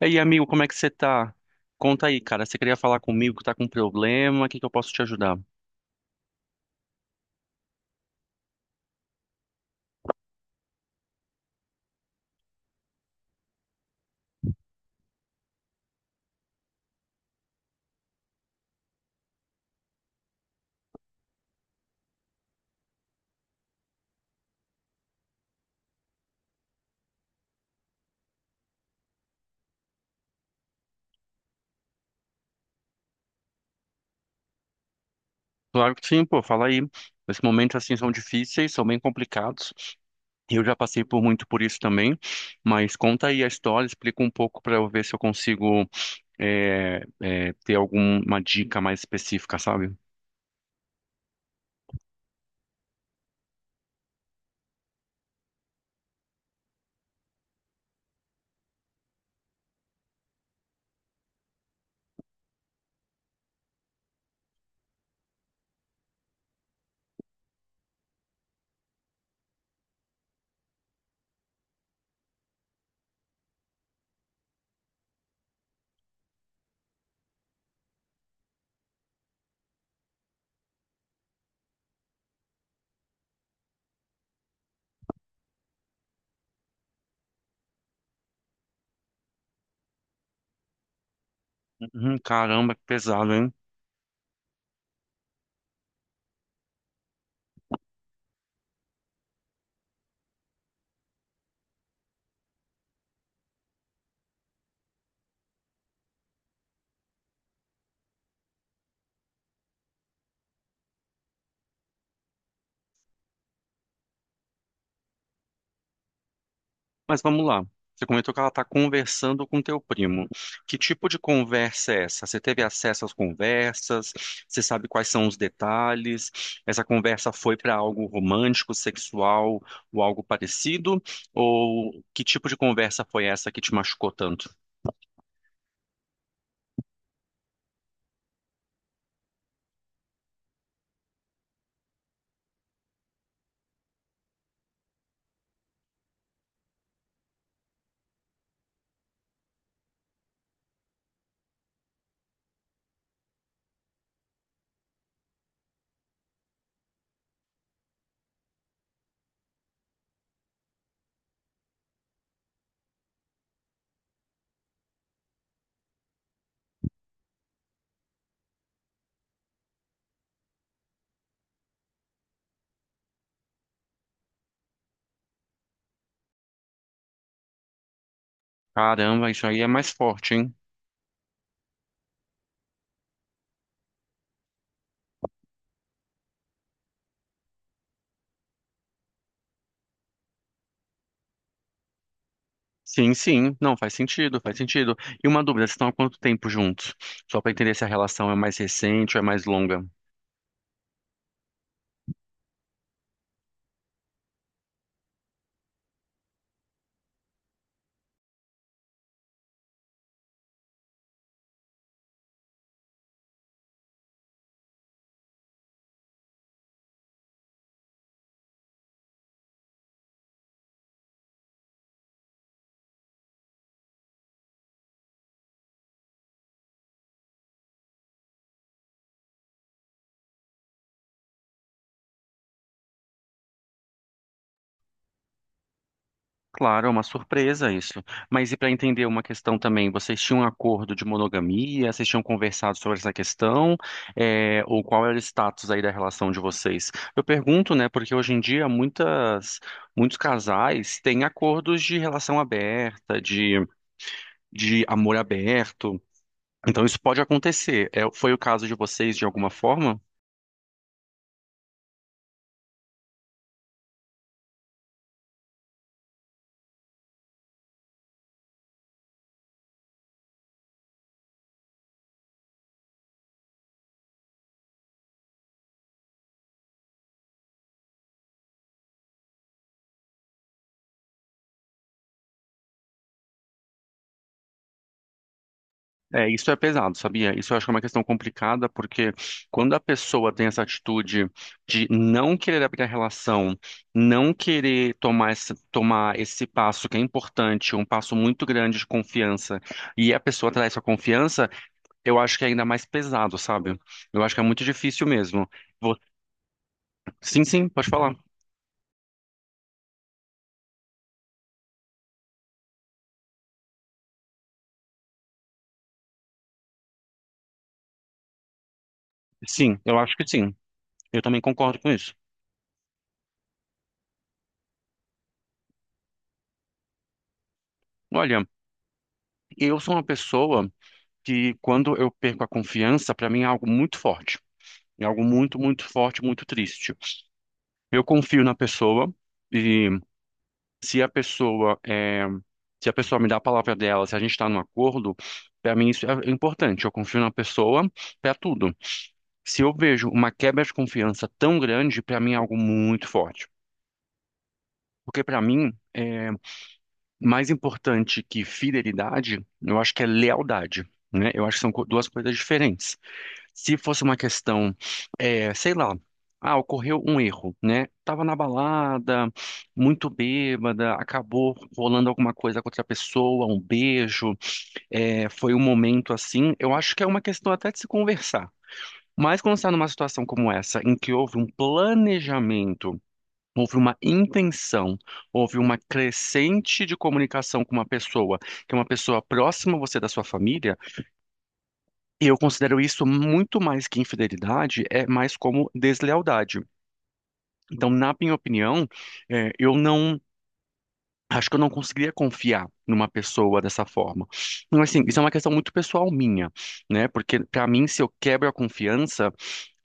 E aí, amigo, como é que você tá? Conta aí, cara. Você queria falar comigo que tá com problema? O que que eu posso te ajudar? Claro que sim, pô, fala aí. Esses momentos assim são difíceis, são bem complicados. E eu já passei por muito por isso também. Mas conta aí a história, explica um pouco pra eu ver se eu consigo ter alguma dica mais específica, sabe? Uhum, caramba, que pesado, hein? Mas vamos lá. Você comentou que ela está conversando com teu primo. Que tipo de conversa é essa? Você teve acesso às conversas? Você sabe quais são os detalhes? Essa conversa foi para algo romântico, sexual ou algo parecido? Ou que tipo de conversa foi essa que te machucou tanto? Caramba, isso aí é mais forte, hein? Sim, sim. Não, faz sentido, faz sentido. E uma dúvida, vocês estão há quanto tempo juntos? Só para entender se a relação é mais recente ou é mais longa. Claro, é uma surpresa isso. Mas e para entender uma questão também, vocês tinham um acordo de monogamia? Vocês tinham conversado sobre essa questão? É, ou qual era o status aí da relação de vocês? Eu pergunto, né, porque hoje em dia muitos casais têm acordos de relação aberta, de amor aberto. Então isso pode acontecer. É, foi o caso de vocês de alguma forma? É, isso é pesado, sabia? Isso eu acho que é uma questão complicada, porque quando a pessoa tem essa atitude de não querer abrir a relação, não querer tomar tomar esse passo que é importante, um passo muito grande de confiança, e a pessoa traz essa confiança, eu acho que é ainda mais pesado, sabe? Eu acho que é muito difícil mesmo. Vou- Sim, sim, pode falar. Sim, eu acho que sim. Eu também concordo com isso. Olha, eu sou uma pessoa que quando eu perco a confiança, para mim é algo muito forte. É algo muito, muito forte, muito triste. Eu confio na pessoa e se a pessoa é, se a pessoa me dá a palavra dela, se a gente está num acordo, para mim isso é importante. Eu confio na pessoa para tudo. Se eu vejo uma quebra de confiança tão grande, para mim é algo muito forte. Porque para mim é mais importante que fidelidade, eu acho que é lealdade, né? Eu acho que são duas coisas diferentes. Se fosse uma questão, sei lá, ocorreu um erro, né? Tava na balada, muito bêbada, acabou rolando alguma coisa com outra pessoa, um beijo, foi um momento assim. Eu acho que é uma questão até de se conversar. Mas quando está numa situação como essa, em que houve um planejamento, houve uma intenção, houve uma crescente de comunicação com uma pessoa, que é uma pessoa próxima a você da sua família. E eu considero isso muito mais que infidelidade, é mais como deslealdade. Então, na minha opinião, eu não. Acho que eu não conseguiria confiar numa pessoa dessa forma. Mas, assim, isso é uma questão muito pessoal minha, né? Porque, para mim, se eu quebro a confiança,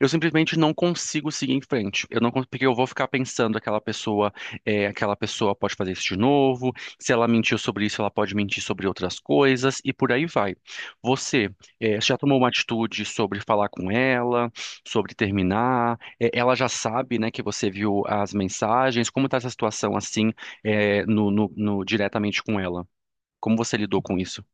eu simplesmente não consigo seguir em frente. Eu não cons- Porque eu vou ficar pensando aquela pessoa, aquela pessoa pode fazer isso de novo. Se ela mentiu sobre isso, ela pode mentir sobre outras coisas e por aí vai. Você, já tomou uma atitude sobre falar com ela, sobre terminar? É, ela já sabe, né, que você viu as mensagens. Como está essa situação assim, diretamente com ela? Como você lidou com isso?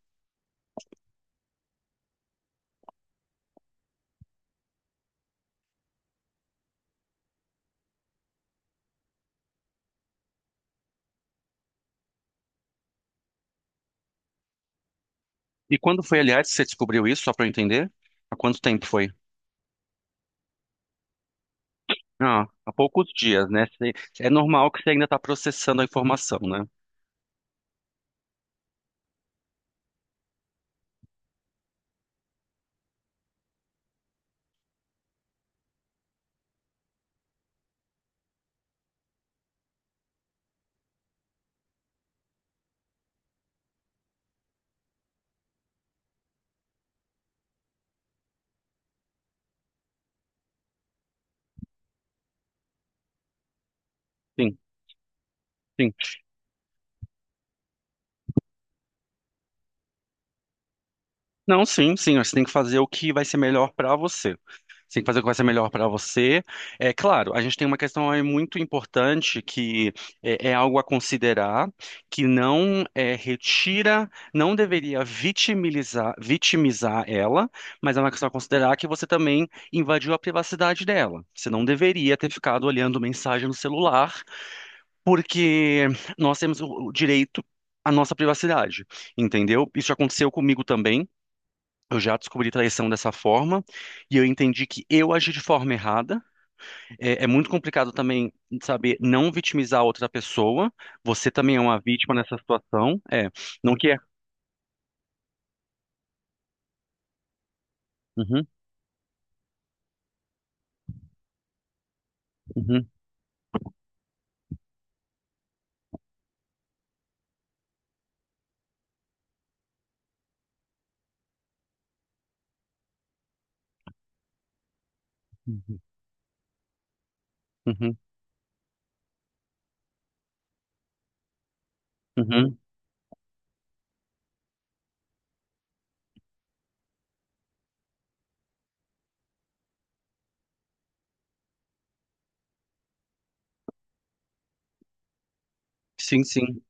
E quando foi, aliás, que você descobriu isso, só para eu entender? Há quanto tempo foi? Ah, há poucos dias, né? É normal que você ainda está processando a informação, né? Sim, sim. Não, sim, sim. Você tem que fazer o que vai ser melhor para você. Você tem que fazer o que vai ser melhor para você. É claro, a gente tem uma questão aí muito importante que é, é algo a considerar, que não é, retira, não deveria vitimilizar, vitimizar ela, mas é uma questão a considerar que você também invadiu a privacidade dela. Você não deveria ter ficado olhando mensagem no celular porque nós temos o direito à nossa privacidade, entendeu? Isso já aconteceu comigo também. Eu já descobri traição dessa forma e eu entendi que eu agi de forma errada. É, é muito complicado também saber não vitimizar a outra pessoa. Você também é uma vítima nessa situação. É, não quer? Uhum, uhum, uhum, uhum, uhum, uhum. Sim, sim.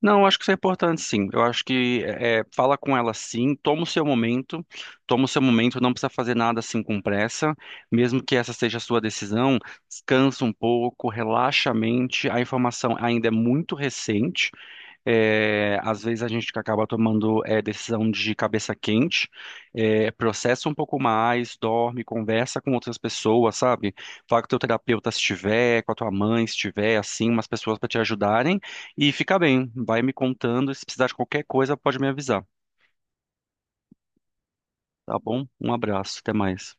Não, acho que isso é importante, sim. Eu acho que é, fala com ela, sim. Toma o seu momento, toma o seu momento. Não precisa fazer nada assim com pressa, mesmo que essa seja a sua decisão. Descansa um pouco, relaxa a mente. A informação ainda é muito recente, é, às vezes a gente acaba tomando é, decisão de cabeça quente, é, processa um pouco mais, dorme, conversa com outras pessoas, sabe? Fala com o teu terapeuta se tiver, com a tua mãe se tiver, assim, umas pessoas para te ajudarem e fica bem. Vai me contando, e se precisar de qualquer coisa, pode me avisar, tá bom? Um abraço, até mais.